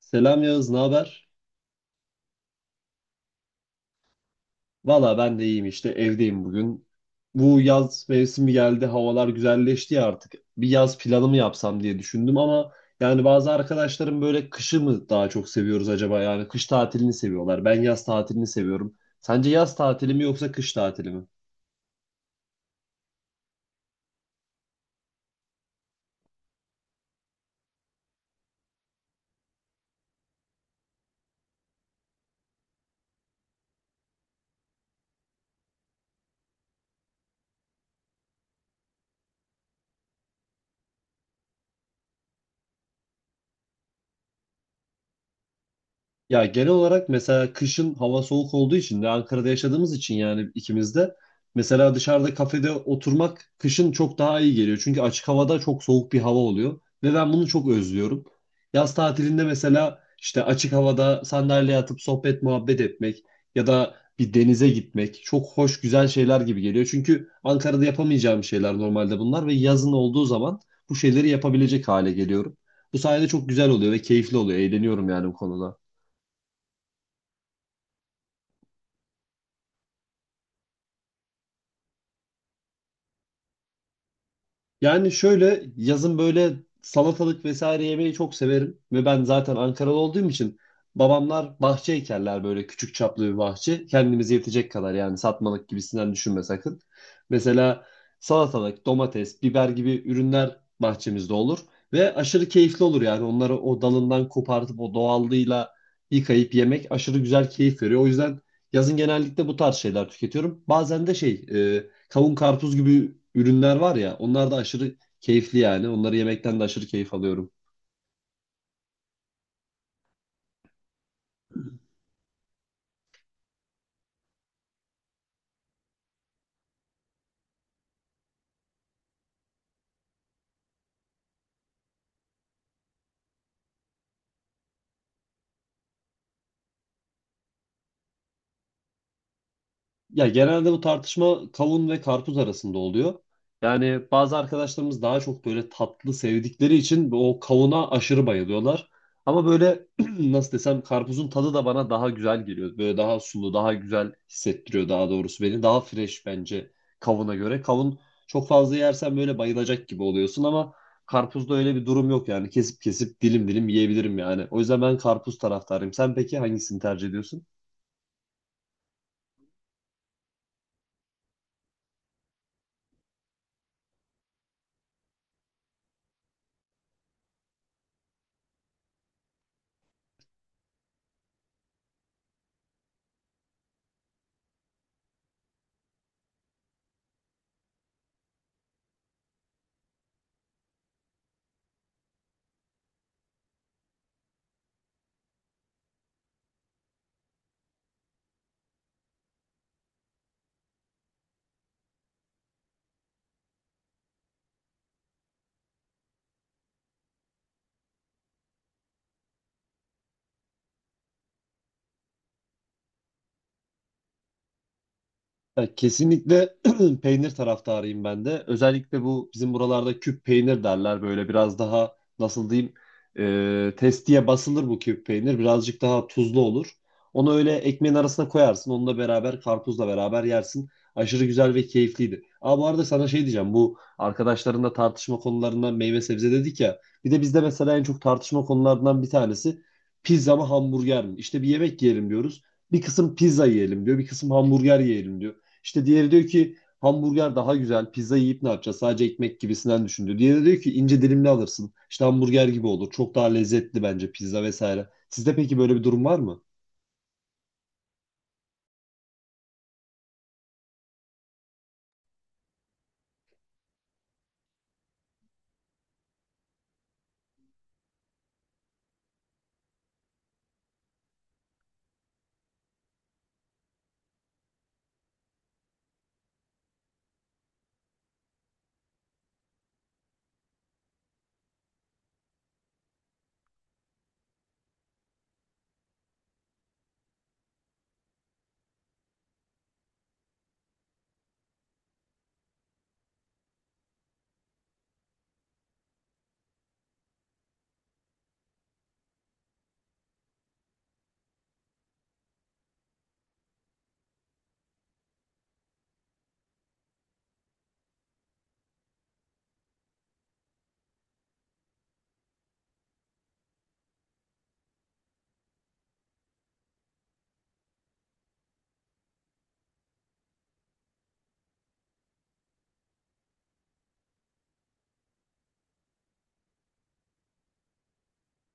Selam Yağız, ne haber? Valla ben de iyiyim işte evdeyim bugün. Bu yaz mevsimi geldi, havalar güzelleşti ya artık. Bir yaz planı mı yapsam diye düşündüm ama yani bazı arkadaşlarım böyle kışı mı daha çok seviyoruz acaba? Yani kış tatilini seviyorlar. Ben yaz tatilini seviyorum. Sence yaz tatili mi yoksa kış tatili mi? Ya genel olarak mesela kışın hava soğuk olduğu için de Ankara'da yaşadığımız için, yani ikimiz de, mesela dışarıda kafede oturmak kışın çok daha iyi geliyor. Çünkü açık havada çok soğuk bir hava oluyor ve ben bunu çok özlüyorum. Yaz tatilinde mesela işte açık havada sandalyeye atıp sohbet muhabbet etmek ya da bir denize gitmek çok hoş, güzel şeyler gibi geliyor. Çünkü Ankara'da yapamayacağım şeyler normalde bunlar ve yazın olduğu zaman bu şeyleri yapabilecek hale geliyorum. Bu sayede çok güzel oluyor ve keyifli oluyor. Eğleniyorum yani bu konuda. Yani şöyle, yazın böyle salatalık vesaire yemeyi çok severim ve ben zaten Ankaralı olduğum için babamlar bahçe ekerler, böyle küçük çaplı bir bahçe. Kendimize yetecek kadar, yani satmalık gibisinden düşünme sakın. Mesela salatalık, domates, biber gibi ürünler bahçemizde olur ve aşırı keyifli olur yani. Onları o dalından kopartıp o doğallığıyla yıkayıp yemek aşırı güzel, keyif veriyor. O yüzden yazın genellikle bu tarz şeyler tüketiyorum. Bazen de kavun, karpuz gibi ürünler var ya, onlar da aşırı keyifli yani. Onları yemekten de aşırı keyif alıyorum. Ya genelde bu tartışma kavun ve karpuz arasında oluyor. Yani bazı arkadaşlarımız daha çok böyle tatlı sevdikleri için o kavuna aşırı bayılıyorlar. Ama böyle nasıl desem, karpuzun tadı da bana daha güzel geliyor. Böyle daha sulu, daha güzel hissettiriyor, daha doğrusu beni. Daha fresh bence kavuna göre. Kavun çok fazla yersen böyle bayılacak gibi oluyorsun, ama karpuzda öyle bir durum yok yani. Kesip kesip dilim dilim yiyebilirim yani. O yüzden ben karpuz taraftarıyım. Sen peki hangisini tercih ediyorsun? Ya kesinlikle peynir taraftarıyım ben de. Özellikle bu bizim buralarda küp peynir derler. Böyle biraz daha, nasıl diyeyim, testiye basılır bu küp peynir. Birazcık daha tuzlu olur. Onu öyle ekmeğin arasına koyarsın. Onunla beraber, karpuzla beraber yersin. Aşırı güzel ve keyifliydi. Aa, bu arada sana şey diyeceğim. Bu arkadaşlarınla tartışma konularından meyve sebze dedik ya. Bir de bizde mesela en çok tartışma konularından bir tanesi pizza mı hamburger mi? İşte bir yemek yiyelim diyoruz. Bir kısım pizza yiyelim diyor, bir kısım hamburger yiyelim diyor. İşte diğeri diyor ki hamburger daha güzel, pizza yiyip ne yapacağız? Sadece ekmek gibisinden düşündü. Diğeri diyor ki ince dilimli alırsın, İşte hamburger gibi olur, çok daha lezzetli bence pizza vesaire. Sizde peki böyle bir durum var mı?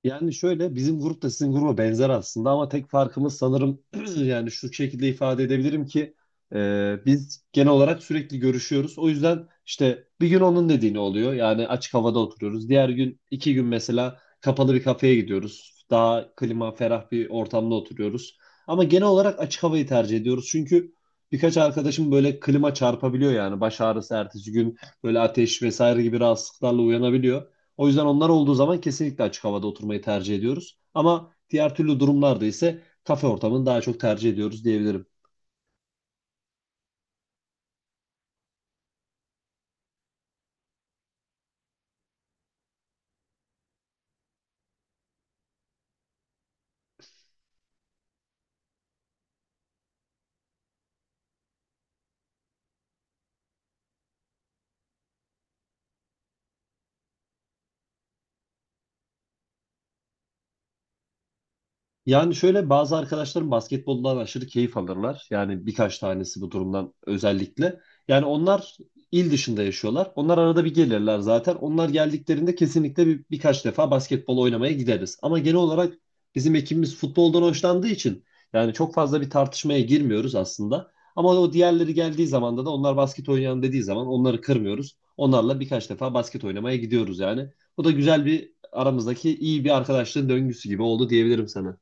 Yani şöyle, bizim grup da sizin gruba benzer aslında, ama tek farkımız sanırım yani şu şekilde ifade edebilirim ki, biz genel olarak sürekli görüşüyoruz. O yüzden işte bir gün onun dediğini oluyor, yani açık havada oturuyoruz. Diğer gün iki gün mesela kapalı bir kafeye gidiyoruz, daha klima ferah bir ortamda oturuyoruz. Ama genel olarak açık havayı tercih ediyoruz. Çünkü birkaç arkadaşım böyle klima çarpabiliyor, yani baş ağrısı, ertesi gün böyle ateş vesaire gibi rahatsızlıklarla uyanabiliyor. O yüzden onlar olduğu zaman kesinlikle açık havada oturmayı tercih ediyoruz. Ama diğer türlü durumlarda ise kafe ortamını daha çok tercih ediyoruz diyebilirim. Yani şöyle, bazı arkadaşlarım basketboldan aşırı keyif alırlar. Yani birkaç tanesi bu durumdan özellikle. Yani onlar il dışında yaşıyorlar, onlar arada bir gelirler zaten. Onlar geldiklerinde kesinlikle birkaç defa basketbol oynamaya gideriz. Ama genel olarak bizim ekibimiz futboldan hoşlandığı için yani çok fazla bir tartışmaya girmiyoruz aslında. Ama o diğerleri geldiği zaman da onlar basket oynayalım dediği zaman onları kırmıyoruz. Onlarla birkaç defa basket oynamaya gidiyoruz yani. Bu da güzel, bir aramızdaki iyi bir arkadaşlığın döngüsü gibi oldu diyebilirim sana.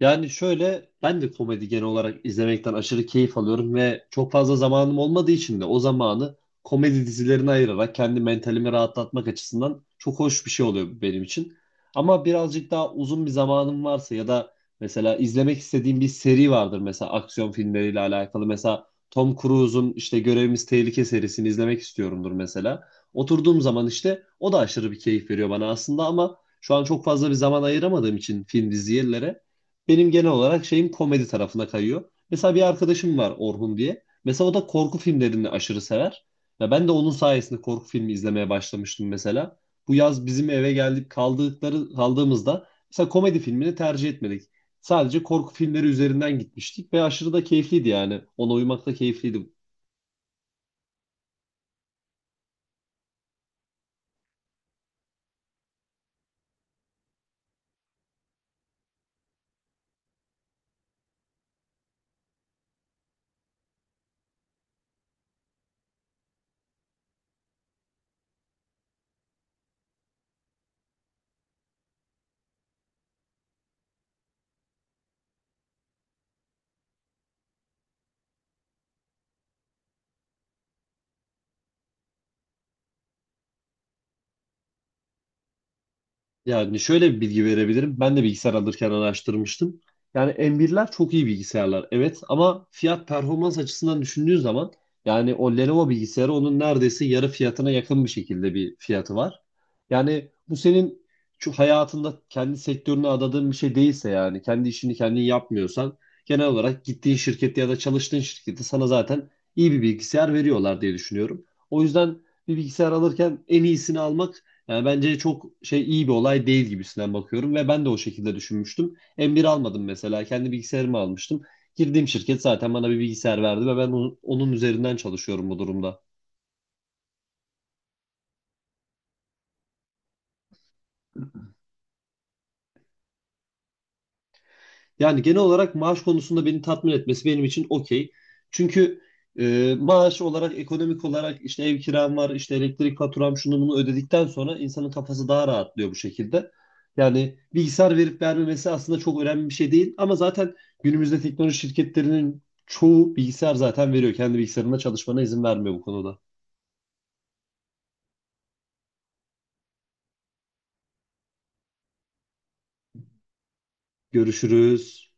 Yani şöyle, ben de komedi genel olarak izlemekten aşırı keyif alıyorum ve çok fazla zamanım olmadığı için de o zamanı komedi dizilerine ayırarak kendi mentalimi rahatlatmak açısından çok hoş bir şey oluyor benim için. Ama birazcık daha uzun bir zamanım varsa ya da mesela izlemek istediğim bir seri vardır, mesela aksiyon filmleriyle alakalı. Mesela Tom Cruise'un işte Görevimiz Tehlike serisini izlemek istiyorumdur mesela. Oturduğum zaman işte o da aşırı bir keyif veriyor bana aslında, ama şu an çok fazla bir zaman ayıramadığım için film dizilere benim genel olarak şeyim komedi tarafına kayıyor. Mesela bir arkadaşım var, Orhun diye. Mesela o da korku filmlerini aşırı sever. Ya ben de onun sayesinde korku filmi izlemeye başlamıştım mesela. Bu yaz bizim eve geldik, kaldığımızda mesela komedi filmini tercih etmedik. Sadece korku filmleri üzerinden gitmiştik ve aşırı da keyifliydi yani. Ona uymak da keyifliydi. Yani şöyle bir bilgi verebilirim. Ben de bilgisayar alırken araştırmıştım. Yani M1'ler çok iyi bilgisayarlar evet, ama fiyat performans açısından düşündüğün zaman yani o Lenovo bilgisayarı onun neredeyse yarı fiyatına yakın bir şekilde bir fiyatı var. Yani bu senin şu hayatında kendi sektörüne adadığın bir şey değilse, yani kendi işini kendin yapmıyorsan, genel olarak gittiğin şirkette ya da çalıştığın şirkette sana zaten iyi bir bilgisayar veriyorlar diye düşünüyorum. O yüzden bir bilgisayar alırken en iyisini almak yani bence çok şey, iyi bir olay değil gibisinden bakıyorum ve ben de o şekilde düşünmüştüm. M1 almadım mesela, kendi bilgisayarımı almıştım. Girdiğim şirket zaten bana bir bilgisayar verdi ve ben onun üzerinden çalışıyorum bu durumda. Yani genel olarak maaş konusunda beni tatmin etmesi benim için okey. Çünkü maaş olarak, ekonomik olarak işte ev kiram var, işte elektrik faturam, şunu bunu ödedikten sonra insanın kafası daha rahatlıyor bu şekilde. Yani bilgisayar verip vermemesi aslında çok önemli bir şey değil. Ama zaten günümüzde teknoloji şirketlerinin çoğu bilgisayar zaten veriyor, kendi bilgisayarında çalışmana izin vermiyor bu konuda. Görüşürüz.